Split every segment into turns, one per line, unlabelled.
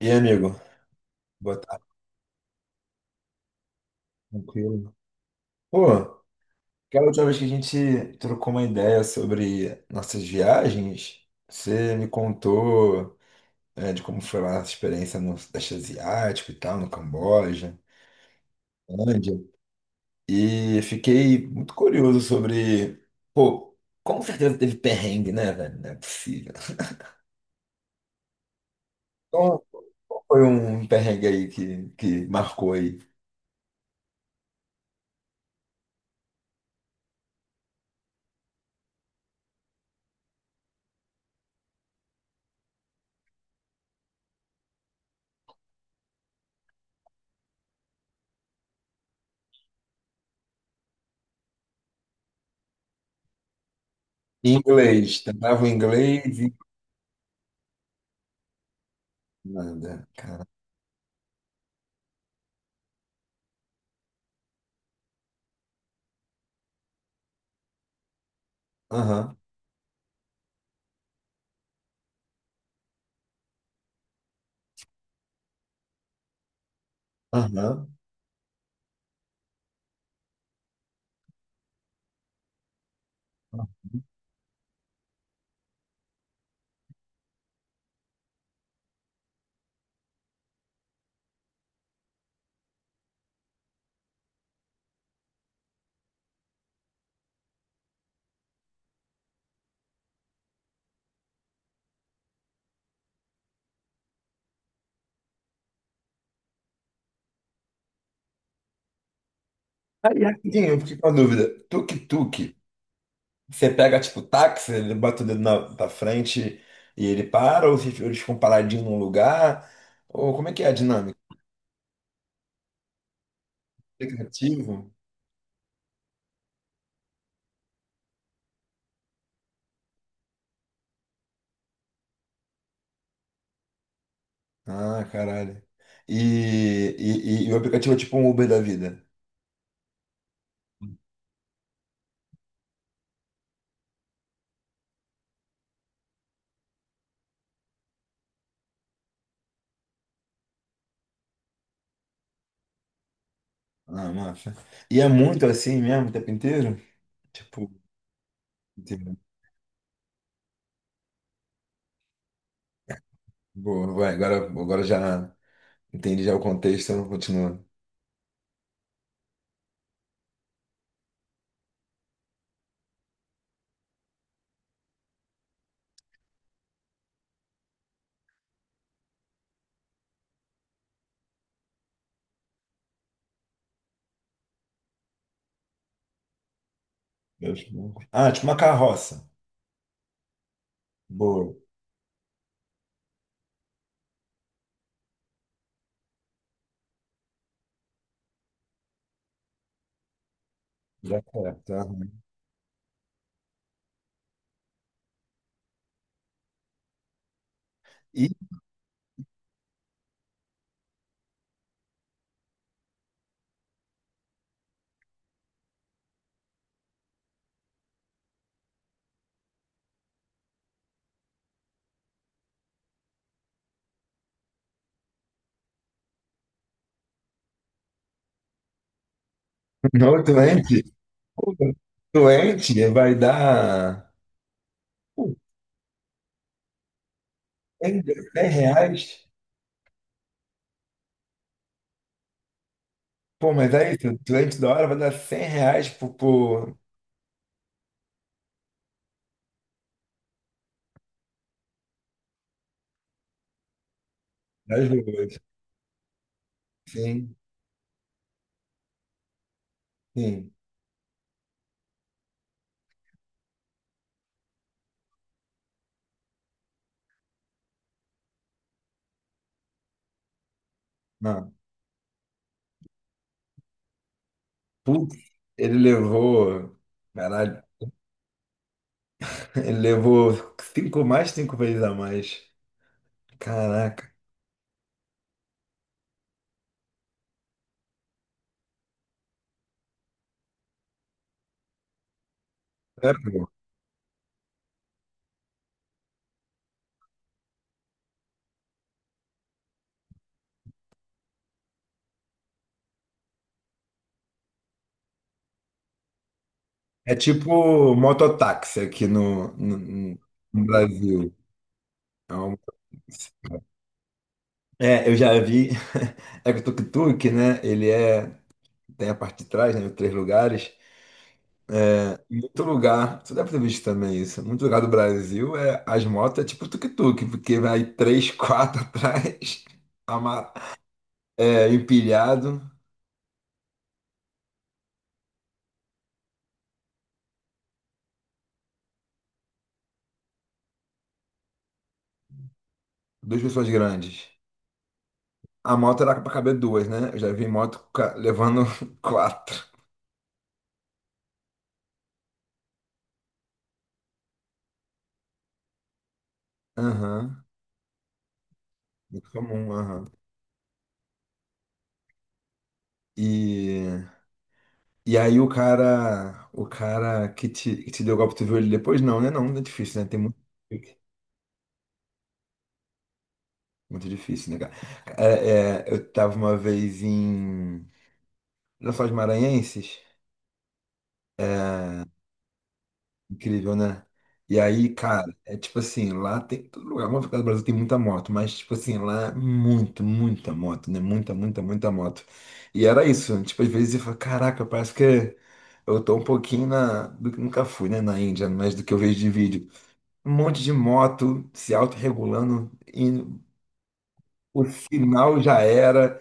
E aí, amigo? Boa tarde, tranquilo. Pô, aquela última vez que a gente trocou uma ideia sobre nossas viagens, você me contou, de como foi lá a experiência no Sudeste Asiático e tal, no Camboja, Índia, e fiquei muito curioso sobre, pô, com certeza teve perrengue, né, velho? Não é possível. Qual qual foi um perrengue aí que marcou aí? Inglês, tentava o inglês e nada, cara. Aham, aham. Aí, rapidinho, eu fiquei com a dúvida. Tuk-tuk, você pega tipo táxi, ele bota o dedo na frente e ele para, ou eles ficam paradinhos num lugar? Ou como é que é a dinâmica? Aplicativo? Ah, caralho. E, e o aplicativo é tipo um Uber da vida. Ah, massa. E é muito assim mesmo o tempo inteiro? Tipo, entendi. Boa, vai, agora, já entendi já o contexto, eu não continuo. Eu acho que não. Ah, tipo uma carroça. Boa, já certo. Aham. Não, doente. Pô, doente vai dar, pô, R$ 100. Pô, mas aí, se o doente da hora vai dar R$ 100 por, das ruas. Sim, sim. Não. Putz, ele levou. Caralho, ele levou cinco mais, cinco vezes a mais. Caraca. É, pô. É tipo mototáxi aqui no Brasil. É, é, eu já vi. É que o tuk-tuk, né? Ele é Tem a parte de trás, né? Três lugares. Muito lugar, tu deve ter visto também isso. Muito lugar do Brasil é as motos é tipo tuk-tuk, porque vai três, quatro atrás, ama- é, empilhado, duas pessoas grandes. A moto era pra caber duas, né? Eu já vi moto levando quatro. Aham. Muito comum, aham. E, e aí o cara, que te, deu o golpe, tu viu ele depois? Não, né? Não, é difícil, né? Tem muito. Muito difícil, né, cara? É, eu tava uma vez em Lençóis Maranhenses, incrível, né? E aí, cara, é tipo assim, lá tem todo lugar, vamos ficar no Brasil, tem muita moto, mas tipo assim, lá é muito, muita moto, né? Muita, muita, muita moto. E era isso, tipo, às vezes eu falo, caraca, parece que eu tô um pouquinho na, do que nunca fui, né, na Índia, mas do que eu vejo de vídeo. Um monte de moto se autorregulando, indo, o sinal já era.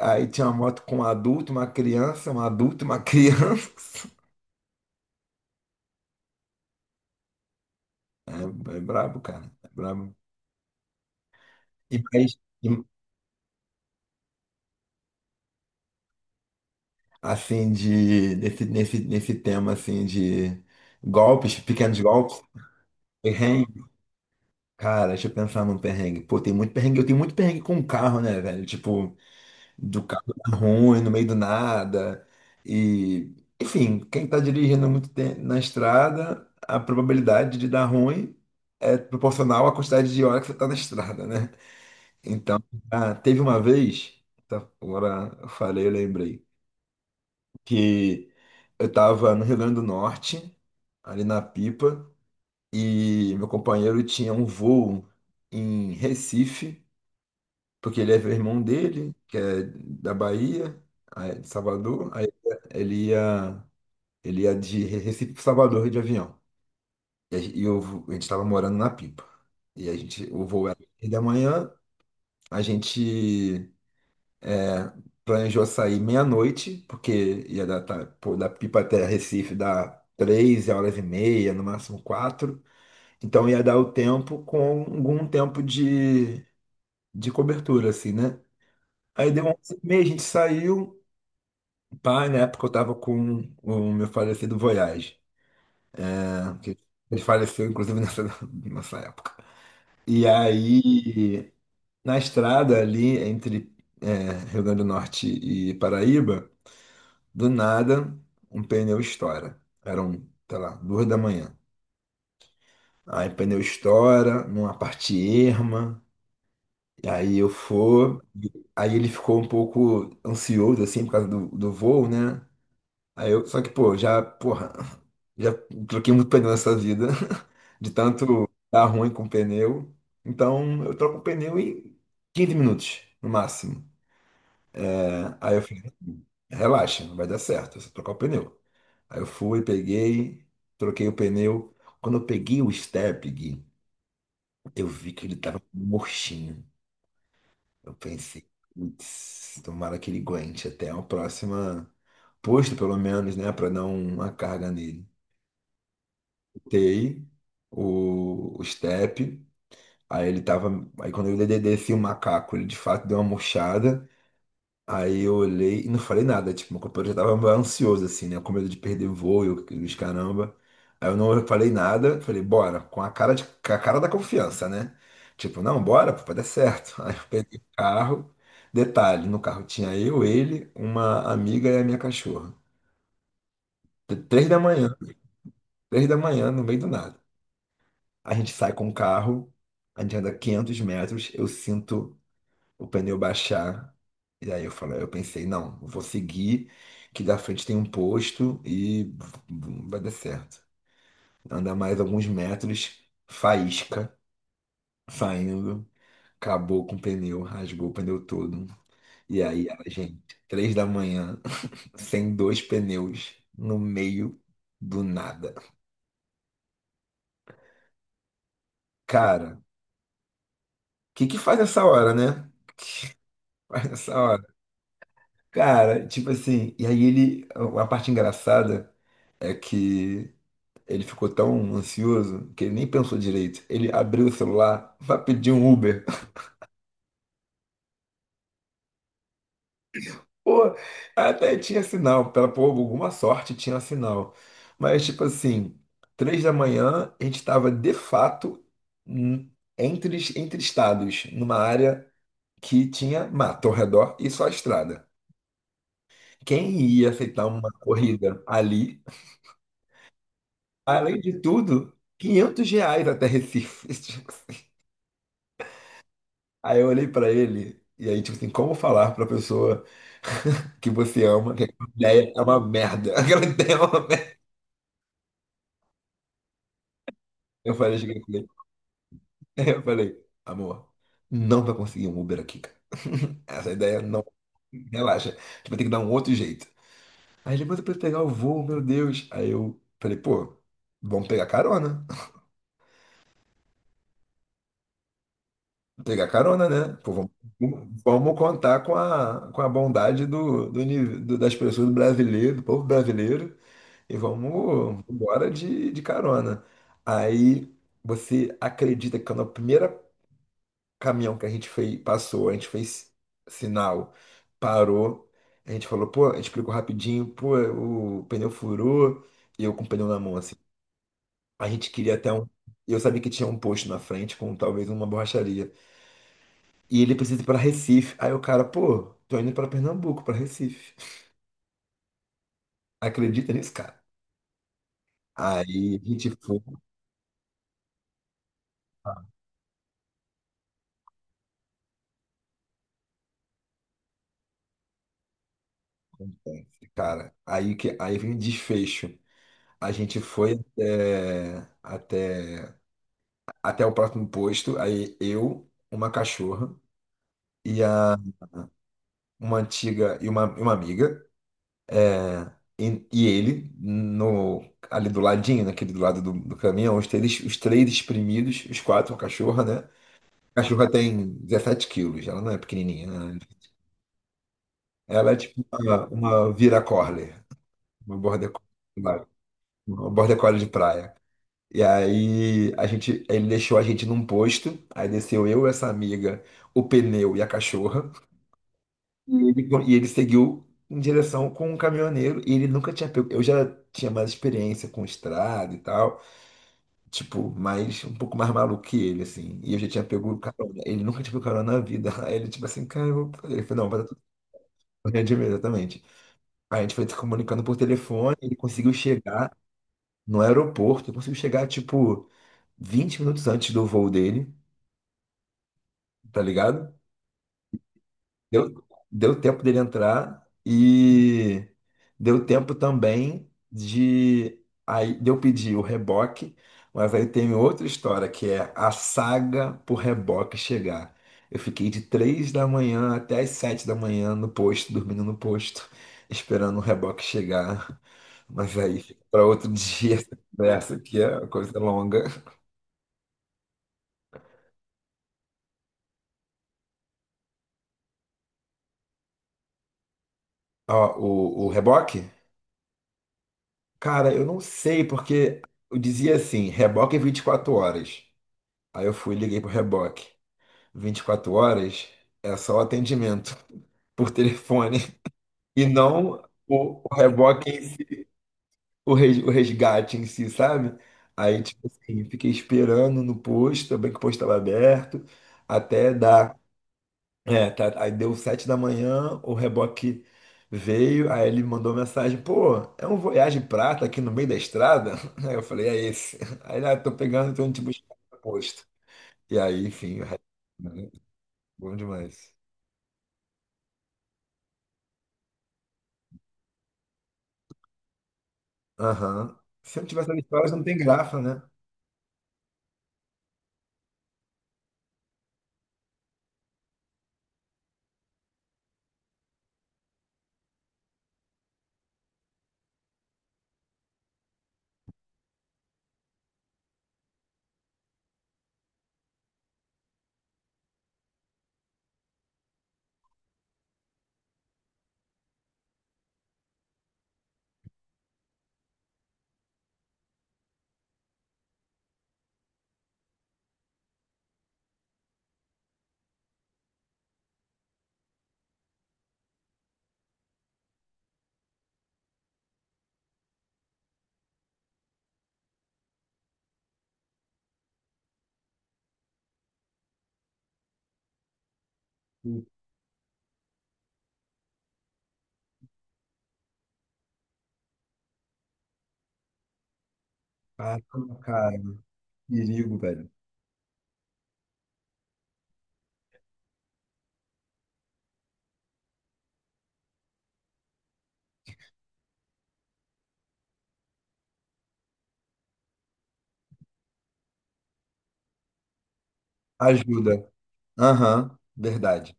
Aí tinha uma moto com um adulto, uma criança, um adulto, uma criança. É, É brabo, cara. É brabo. E mais, e, assim, de, nesse tema, assim, de golpes, pequenos golpes, perrengue. Cara, deixa eu pensar num perrengue. Pô, tem muito perrengue. Eu tenho muito perrengue com carro, né, velho? Tipo, do carro tá ruim, no meio do nada. E, enfim, quem está dirigindo muito tempo na estrada, a probabilidade de dar ruim é proporcional à quantidade de hora que você está na estrada, né? Então, teve uma vez, tá, agora eu falei, eu lembrei, que eu estava no Rio Grande do Norte, ali na Pipa, e meu companheiro tinha um voo em Recife porque ele é o irmão dele, que é da Bahia, aí de Salvador, aí ele ia, ele ia de Recife para Salvador de avião. E eu, a gente estava morando na Pipa. E a gente, o voo era 6 da manhã, a gente é, planejou sair meia-noite, porque ia dar, tá, pô, da Pipa até Recife dá 3 horas e meia, no máximo quatro. Então ia dar o tempo com algum tempo de cobertura, assim, né? Aí deu 11h30, a gente saiu. Pai, na época eu estava com o meu falecido Voyage, né? Que ele faleceu, inclusive, nessa época. E aí, na estrada ali, entre Rio Grande do Norte e Paraíba, do nada, um pneu estoura. Eram, sei lá, 2 da manhã. Aí o pneu estoura, numa parte erma, e aí eu for. Aí ele ficou um pouco ansioso, assim, por causa do voo, né? Aí eu, só que, pô, já, porra, já troquei muito pneu nessa vida, de tanto dar ruim com pneu. Então, eu troco o pneu em 15 minutos, no máximo, né? Aí eu falei, relaxa, não vai dar certo, é só trocar o pneu." Aí eu fui, peguei, troquei o pneu. Quando eu peguei o step, Gui, eu vi que ele tava murchinho. Eu pensei, putz, tomara que ele aguente até o próximo posto, pelo menos, né, pra dar uma carga nele. Tei, o step. Aí ele tava. Aí quando eu desci o macaco, ele de fato deu uma murchada. Aí eu olhei e não falei nada. Tipo, meu companheiro já tava ansioso, assim, né? Com medo de perder voo e os caramba. Aí eu não falei nada, falei, bora, com a cara da confiança, né? Tipo, não, bora, pô, vai dar certo. Aí eu peguei o carro. Detalhe, no carro tinha eu, ele, uma amiga e a minha cachorra. 3 da manhã, 3 da manhã, no meio do nada. A gente sai com o carro, a gente anda 500 metros, eu sinto o pneu baixar. E aí eu falo, eu pensei, não, vou seguir, que da frente tem um posto e vai dar certo. Anda mais alguns metros, faísca, saindo, acabou com o pneu, rasgou o pneu todo. E aí, a gente, 3 da manhã, sem dois pneus, no meio do nada. Cara, o que que faz essa hora, né? Faz essa hora. Cara, tipo assim, e aí ele, a parte engraçada é que ele ficou tão ansioso que ele nem pensou direito. Ele abriu o celular, vai pedir um Uber. Pô, até tinha sinal, pela por alguma sorte tinha sinal. Mas tipo assim, 3 da manhã a gente estava de fato n- entre, entre estados, numa área que tinha mato ao redor e só estrada. Quem ia aceitar uma corrida ali? Além de tudo, R$ 500 até Recife. Tipo assim. Aí eu olhei pra ele, e aí, tipo assim, como falar pra pessoa que você ama que aquela ideia é uma merda? Aquela ideia é uma merda. Eu falei, cheguei com ele. Eu falei, amor, não vai conseguir um Uber aqui, cara. Essa ideia não. Relaxa, a gente vai ter que dar um outro jeito. Aí ele, mas eu preciso pegar o voo, meu Deus. Aí eu falei, pô, vamos pegar carona. Pegar carona, né? Pô, vamos contar com a bondade das pessoas do brasileiro, do povo brasileiro, e vamos embora de carona. Aí você acredita que quando o primeiro caminhão que a gente fez, passou, a gente fez sinal, parou, a gente falou, pô, a gente explicou rapidinho, pô, o pneu furou, e eu com o pneu na mão, assim. A gente queria até um. Eu sabia que tinha um posto na frente com talvez uma borracharia. E ele precisa ir pra Recife. Aí o cara, pô, tô indo pra Pernambuco, pra Recife. Acredita nisso, cara? Aí a gente foi, cara. Aí que aí vem o desfecho. A gente foi até o próximo posto. Aí eu, uma cachorra e a uma antiga e e uma amiga é, e ele no ali do ladinho, naquele do lado do caminhão, os três espremidos, os quatro, a cachorra, né? Cachorra tem 17 quilos, ela não é pequenininha, né? Ela é tipo uma vira collie, uma border collie, uma border collie de praia. E aí a gente, ele deixou a gente num posto, aí desceu eu, essa amiga, o pneu e a cachorra. E ele seguiu em direção com um caminhoneiro e ele nunca tinha pego. Eu já tinha mais experiência com estrada e tal, tipo, mais um pouco mais maluco que ele, assim. E eu já tinha pego carona. Ele nunca tinha pego carona na vida. Aí ele, tipo assim, cara, eu vou... ele falou, não, vai dar grande mesmo, exatamente. A gente foi se comunicando por telefone, ele conseguiu chegar no aeroporto, ele conseguiu chegar, tipo, 20 minutos antes do voo dele, tá ligado? Deu, Deu tempo dele entrar e deu tempo também de. Aí de eu pedir o reboque, mas aí tem outra história que é a saga pro reboque chegar. Eu fiquei de 3 da manhã até as 7 da manhã no posto, dormindo no posto, esperando o reboque chegar. Mas aí fica para outro dia essa conversa que é uma coisa longa. Ó, o reboque? Cara, eu não sei, porque eu dizia assim, reboque é 24 horas. Aí eu fui e liguei pro reboque. 24 horas é só o atendimento por telefone e não o reboque, em si, o resgate em si, sabe? Aí, tipo assim, fiquei esperando no posto, bem que o posto estava aberto, até dar. É, tá, aí deu 7 da manhã, o reboque veio, aí ele mandou mensagem, pô, é um Voyage Prata aqui no meio da estrada? Aí eu falei, é esse. Aí ele, ah, tô pegando, tô indo te buscar no posto. E aí, enfim, o resto, né? Bom demais. Aham. Se eu não tivesse essas histórias, não tem graça, né? Cara, cara, perigo, velho. Ajuda. Aham, verdade.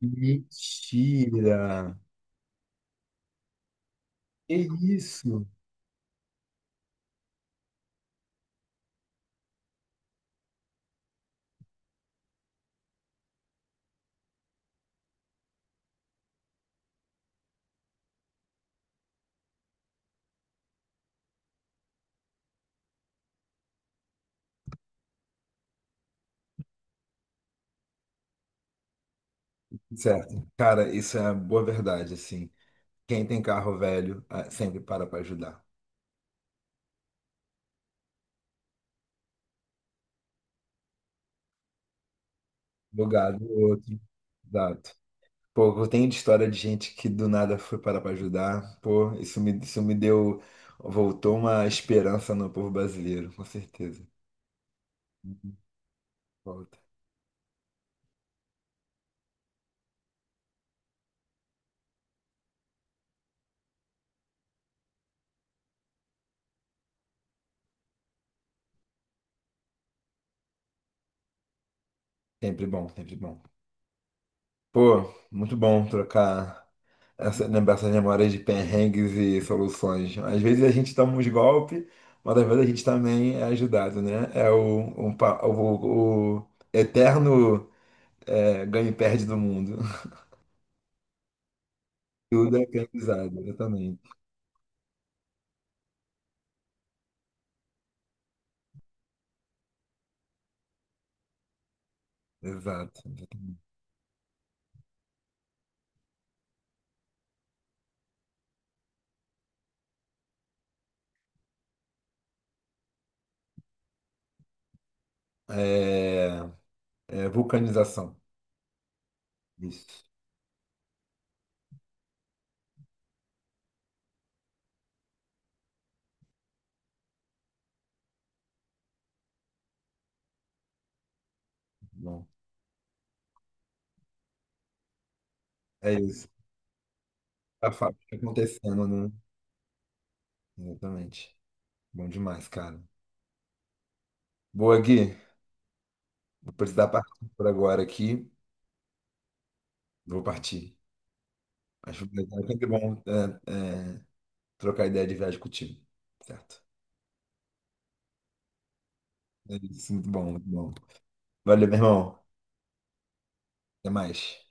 Mentira! Que isso? Certo. Cara, isso é a boa verdade, assim. Quem tem carro velho, sempre para para ajudar. Bugado o outro. Exato. Pô, tem história de gente que do nada foi parar para ajudar. Pô, isso me deu. Voltou uma esperança no povo brasileiro, com certeza. Volta. Sempre bom, sempre bom. Pô, muito bom trocar essa, lembrar essas memórias de perrengues e soluções. Às vezes a gente toma uns golpes, mas às vezes a gente também é ajudado, né? É o, um pa- o eterno. É, ganha e perde do mundo. Tudo é canonizado, exatamente. Exato. É, É, vulcanização. Isso. Bom, é isso. A fábrica acontecendo, né? Exatamente. Bom demais, cara. Boa, Gui. Vou precisar partir por agora aqui. Vou partir. Acho que é sempre bom trocar ideia de viagem contigo. Certo? É isso, muito bom, muito bom. Valeu, meu irmão. Até mais.